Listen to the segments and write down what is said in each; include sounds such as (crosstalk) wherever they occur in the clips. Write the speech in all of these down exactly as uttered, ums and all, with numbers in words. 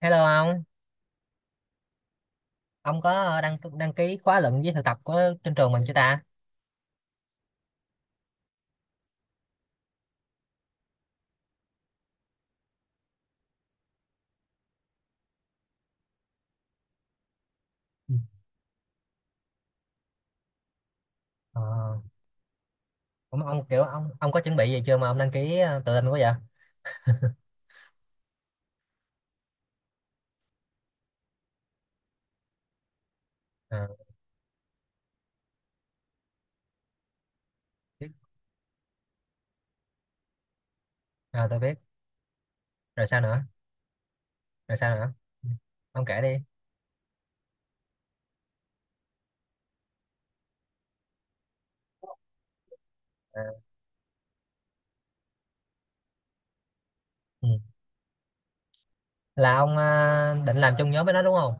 Hello ông, ông có ờ, đăng đăng ký khóa luận với thực tập của trên trường mình chưa ta? Ừ. Ờ, ông, ông kiểu ông ông có chuẩn bị gì chưa mà ông đăng ký ờ, tự tin quá vậy? Ờ, biết. À, tôi biết. Rồi sao nữa? Rồi sao nữa? Ừ. Ông kể đi. À, ừ. Là ông ờ, định làm chung nhóm với nó đúng không?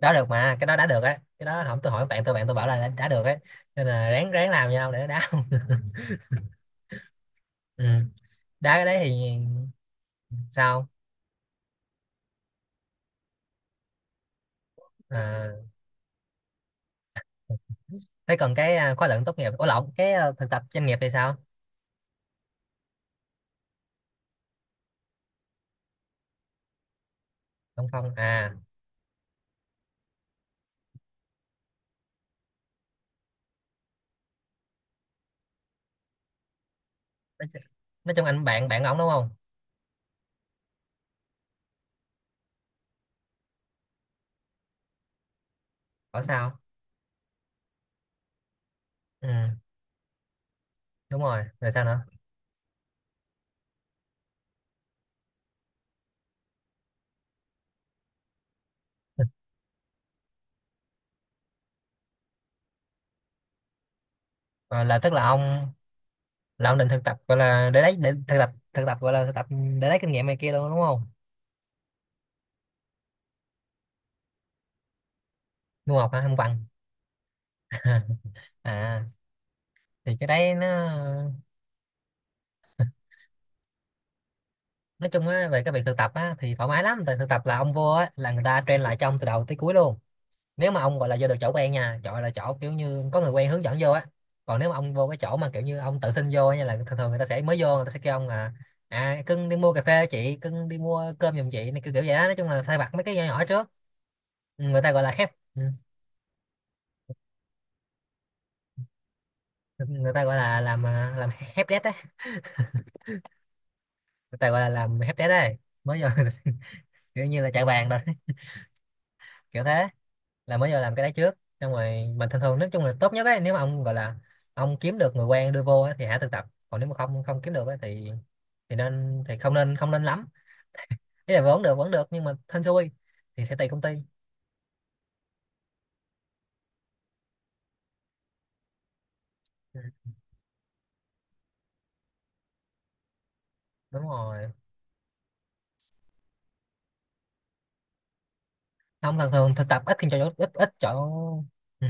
Đó được mà, cái đó đã được á. Cái đó không, tôi hỏi bạn tôi, bạn tôi bảo là đã, đã được ấy. Nên là ráng ráng làm nhau để đá. Ừ. Đá cái đấy thì sao? À, thế còn cái à, khóa luận tốt nghiệp, ủa lộn cái à, thực tập doanh nghiệp thì sao? Không không à. Nói, chu-, nói chung anh bạn bạn ổng đúng không? Ở sao? Ừ đúng rồi, rồi sao nữa? (laughs) Ờ, là tức là ông, là ông định thực tập gọi là để lấy, để thực tập thực tập gọi là thực tập để lấy kinh nghiệm này kia luôn đúng không? Du học hả? Không bằng à, thì cái đấy nó, nói chung á về cái việc thực tập á thì thoải mái lắm, tại thực tập là ông vô á là người ta train lại cho ông từ đầu tới cuối luôn. Nếu mà ông gọi là vô được chỗ quen nha, chỗ là chỗ kiểu như có người quen hướng dẫn vô á. Còn nếu mà ông vô cái chỗ mà kiểu như ông tự xin vô á nha là thường thường người ta sẽ, mới vô người ta sẽ kêu ông là à, cưng đi mua cà phê chị, cưng đi mua cơm giùm chị này, kiểu kiểu vậy đó, nói chung là sai vặt mấy cái nhỏ nhỏ trước. Ừ, người ta gọi là hép ừ. Người ta gọi là làm, à, làm hép đét á, người ta gọi là làm hép đét đấy, mới vô (laughs) kiểu như là chạy bàn rồi, (laughs) kiểu thế, là mới giờ làm cái đấy trước, xong rồi. Mà thường thường nói chung là tốt nhất ấy, nếu mà ông gọi là ông kiếm được người quen đưa vô ấy, thì hãy thực tập. Còn nếu mà không không kiếm được ấy, thì thì nên, thì không nên không nên lắm, ý là vẫn được vẫn được nhưng mà hên xui, thì sẽ tùy công ty. Ừ, đúng rồi, không thường thường thực tập ít khi cho, ít ít chỗ. Ừ.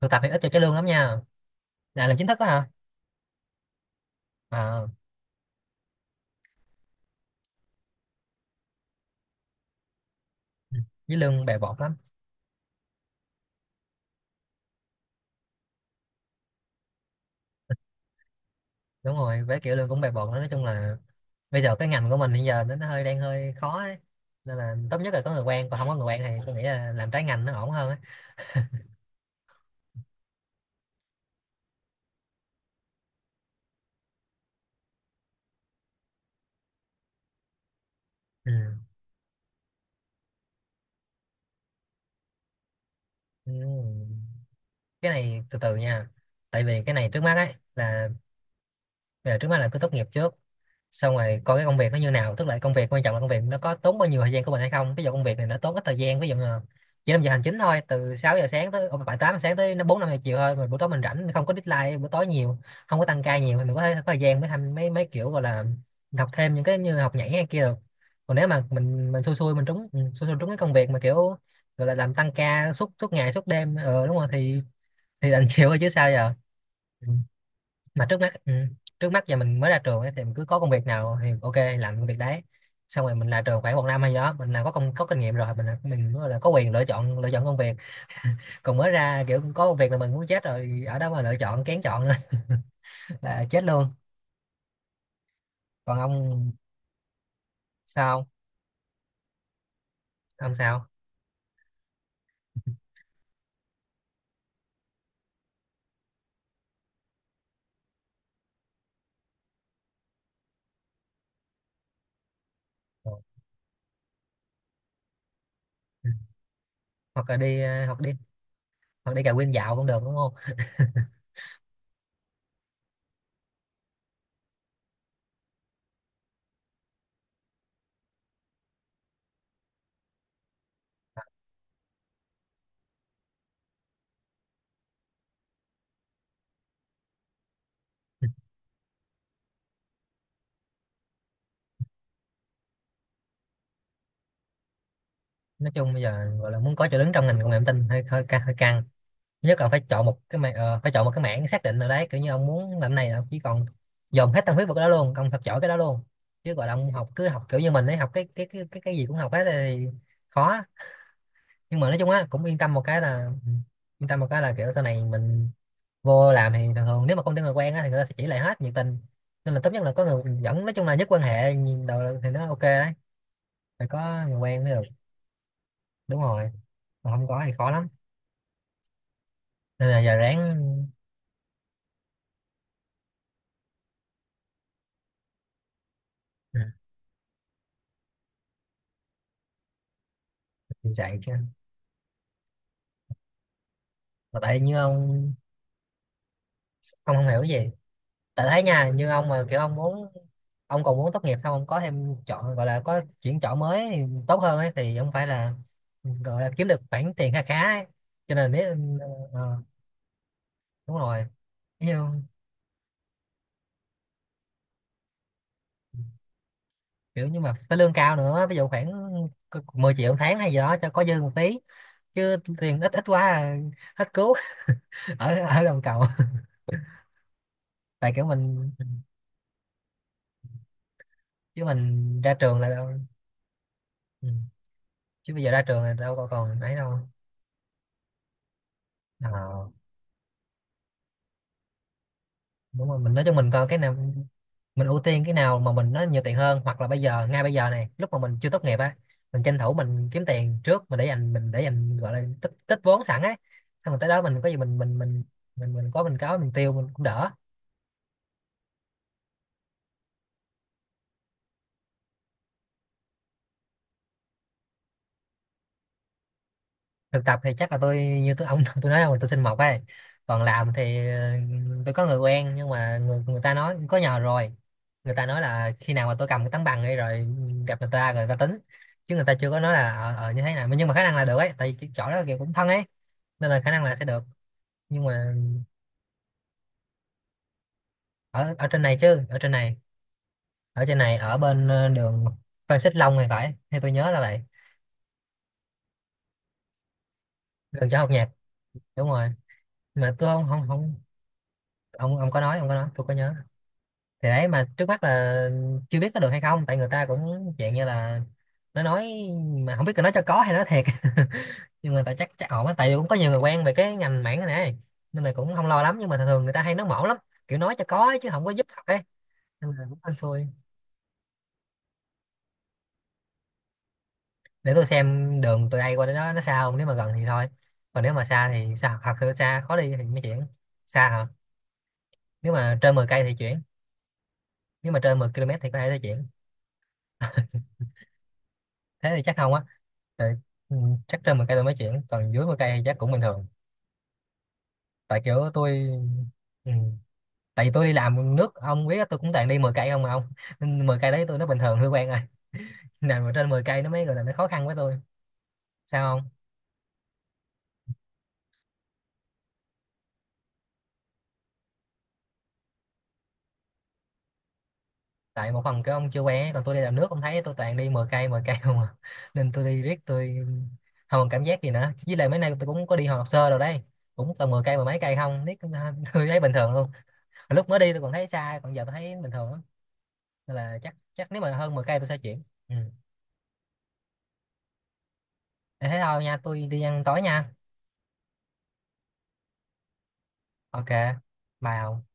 Thực tập thì ít cho cái lương lắm nha, là làm chính thức đó hả? À, ừ. Với lương bè bọt lắm, đúng rồi. Với kiểu lương cũng bè bọt đó, nói chung là bây giờ cái ngành của mình hiện giờ nó nó hơi đang hơi khó ấy. Nên là tốt nhất là có người quen, còn không có người quen thì tôi nghĩ là làm trái ngành nó ổn hơn ấy. Ừ. Ừ. Cái này từ từ nha, tại vì cái này trước mắt ấy là, bây giờ trước mắt là cứ tốt nghiệp trước, xong rồi coi cái công việc nó như nào, tức là công việc quan trọng là công việc nó có tốn bao nhiêu thời gian của mình hay không. Ví dụ công việc này nó tốn ít thời gian, ví dụ là chỉ năm giờ hành chính thôi, từ sáu giờ sáng tới bảy tám giờ sáng tới nó bốn năm giờ chiều thôi, mà buổi tối mình rảnh, không có deadline buổi tối nhiều, không có tăng ca nhiều thì mình có, thể, có thời gian mới tham mấy mấy kiểu gọi là học thêm những cái như học nhảy hay kia được. Còn nếu mà mình mình xui xui mình trúng, ừ, xui xui trúng cái công việc mà kiểu gọi là làm tăng ca suốt suốt ngày suốt đêm, ờ đúng rồi thì thì đành (laughs) chịu thôi chứ sao giờ. Ừ, mà trước mắt, ừ, trước mắt giờ mình mới ra trường ấy, thì mình cứ có công việc nào thì ok làm công việc đấy, xong rồi mình ra trường khoảng một năm hay gì đó mình là có công, có kinh nghiệm rồi, mình là- mình gọi là có quyền lựa chọn, lựa chọn công việc. Còn mới ra kiểu có công việc là mình muốn chết rồi, ở đó mà lựa chọn kén chọn nữa (laughs) là chết luôn. Còn ông sao? Ông sao? Ừ. Hoặc là đi ờ, hoặc đi, hoặc đi cà quên dạo cũng được đúng không? Nói chung bây giờ gọi là muốn có chỗ đứng trong ngành công nghệ thông tin hơi hơi căng hơi căng, nhất là phải chọn một cái mảng, ờ, phải chọn một cái mảng xác định nào đấy kiểu như ông muốn làm này là ông chỉ còn dồn hết tâm huyết vào cái đó luôn, ông thật giỏi cái đó luôn. Chứ gọi là ông học cứ học kiểu như mình ấy, học cái cái cái cái, cái gì cũng học hết thì khó. Nhưng mà nói chung á cũng yên tâm một cái là, yên tâm một cái là kiểu sau này mình vô làm thì thường thường nếu mà không có người quen á thì người ta sẽ chỉ lại hết nhiệt tình. Nên là tốt nhất là có người dẫn, nói chung là nhất quan hệ nhìn đầu thì nó ok đấy, phải có người quen mới được, đúng rồi, mà không có thì khó lắm, nên là giờ ráng. Ừ, chạy chứ, mà tại như ông ông không hiểu gì. Tại thấy nha, như ông mà kiểu ông muốn, ông còn muốn tốt nghiệp xong ông có thêm chọn gọi là có chuyển chọn mới thì tốt hơn ấy thì ông phải là, gọi là kiếm được khoản tiền khá khá ấy. Cho nên nếu ờ, đúng rồi, ví dụ, kiểu nhưng mà phải lương cao nữa, ví dụ khoảng mười triệu một tháng hay gì đó cho có dư một tí, chứ tiền ít ít quá à, hết cứu. (laughs) Ở, ở gầm cầu, tại kiểu mình, chứ mình ra trường là đâu, ừ. Chứ bây giờ ra trường là đâu có còn ấy đâu. Ờ. Đúng rồi, mình nói cho mình coi cái nào, mình ưu tiên cái nào mà mình nó nhiều tiền hơn, hoặc là bây giờ ngay bây giờ này, lúc mà mình chưa tốt nghiệp á, mình tranh thủ mình kiếm tiền trước, mình để dành, mình để dành gọi là tích tích vốn sẵn ấy, xong rồi tới đó mình có gì mình mình mình mình mình có, mình có mình tiêu mình cũng đỡ. Thực tập thì chắc là tôi, như tôi ông tôi nói là tôi xin mộc ấy. Còn làm thì ờ, tôi có người quen nhưng mà người người ta nói có nhờ rồi. Người ta nói là khi nào mà tôi cầm cái tấm bằng đi rồi gặp người ta rồi người ta tính, chứ người ta chưa có nói là ở ờ như thế nào, nhưng mà khả năng là được ấy, tại vì cái chỗ đó kiểu cũng thân ấy, nên là khả năng là sẽ được. Nhưng mà ở, ở trên này chứ, ở trên này, ở trên này, ở bên ờ, đường Phan Xích Long này phải, hay tôi nhớ là vậy. Gần chỗ học nhạc, đúng rồi. Mà tôi không không không, ông ông có nói, ông có nói tôi có nhớ. Thì đấy, mà trước mắt là chưa biết có được hay không, tại người ta cũng dạng như là nó nói, mà không biết là nói cho có hay nói thiệt. (laughs) Nhưng mà tại chắc chắc ổn á, tại vì cũng có nhiều người quen về cái ngành mảng này này, nên là cũng không lo lắm, nhưng mà thường thường người ta hay nói mỏ lắm, kiểu nói cho có ấy, chứ không có giúp thật ấy. Nên là cũng hên xui. Để tôi xem đường từ đây qua đến đó nó xa không, nếu mà gần thì thôi, còn nếu mà xa thì xa hoặc là xa khó đi thì mới chuyển. Xa hả? Nếu mà trên mười cây thì chuyển, nếu mà trên mười ki lô mét thì có thể sẽ chuyển. (laughs) Thế thì chắc không á, tại, ừ, chắc trên mười cây tôi mới chuyển, còn dưới mười cây chắc cũng bình thường. Tại kiểu tôi, ừ, tại vì tôi đi làm nước ông biết á, tôi cũng toàn đi mười cây không mà ông. (laughs) Nên mười cây đấy tôi nó bình thường hơi quen rồi. (laughs) Nào mà trên mười cây nó mới gọi là nó khó khăn với tôi. Sao không? Tại một phần cái ông chưa quen ấy, còn tôi đi làm nước ông thấy tôi toàn đi mười cây mười cây không à. (laughs) Nên tôi đi riết tôi không còn cảm giác gì nữa, với lại mấy nay tôi cũng có đi học Sơ rồi đấy, cũng toàn mười cây mười mấy cây không biết. (laughs) Tôi thấy bình thường luôn, lúc mới đi tôi còn thấy xa, còn giờ tôi thấy bình thường lắm. Nên là chắc chắc nếu mà hơn mười cây tôi sẽ chuyển. Ừ. Để thế thôi nha, tôi đi ăn tối nha. Ok, bye ông.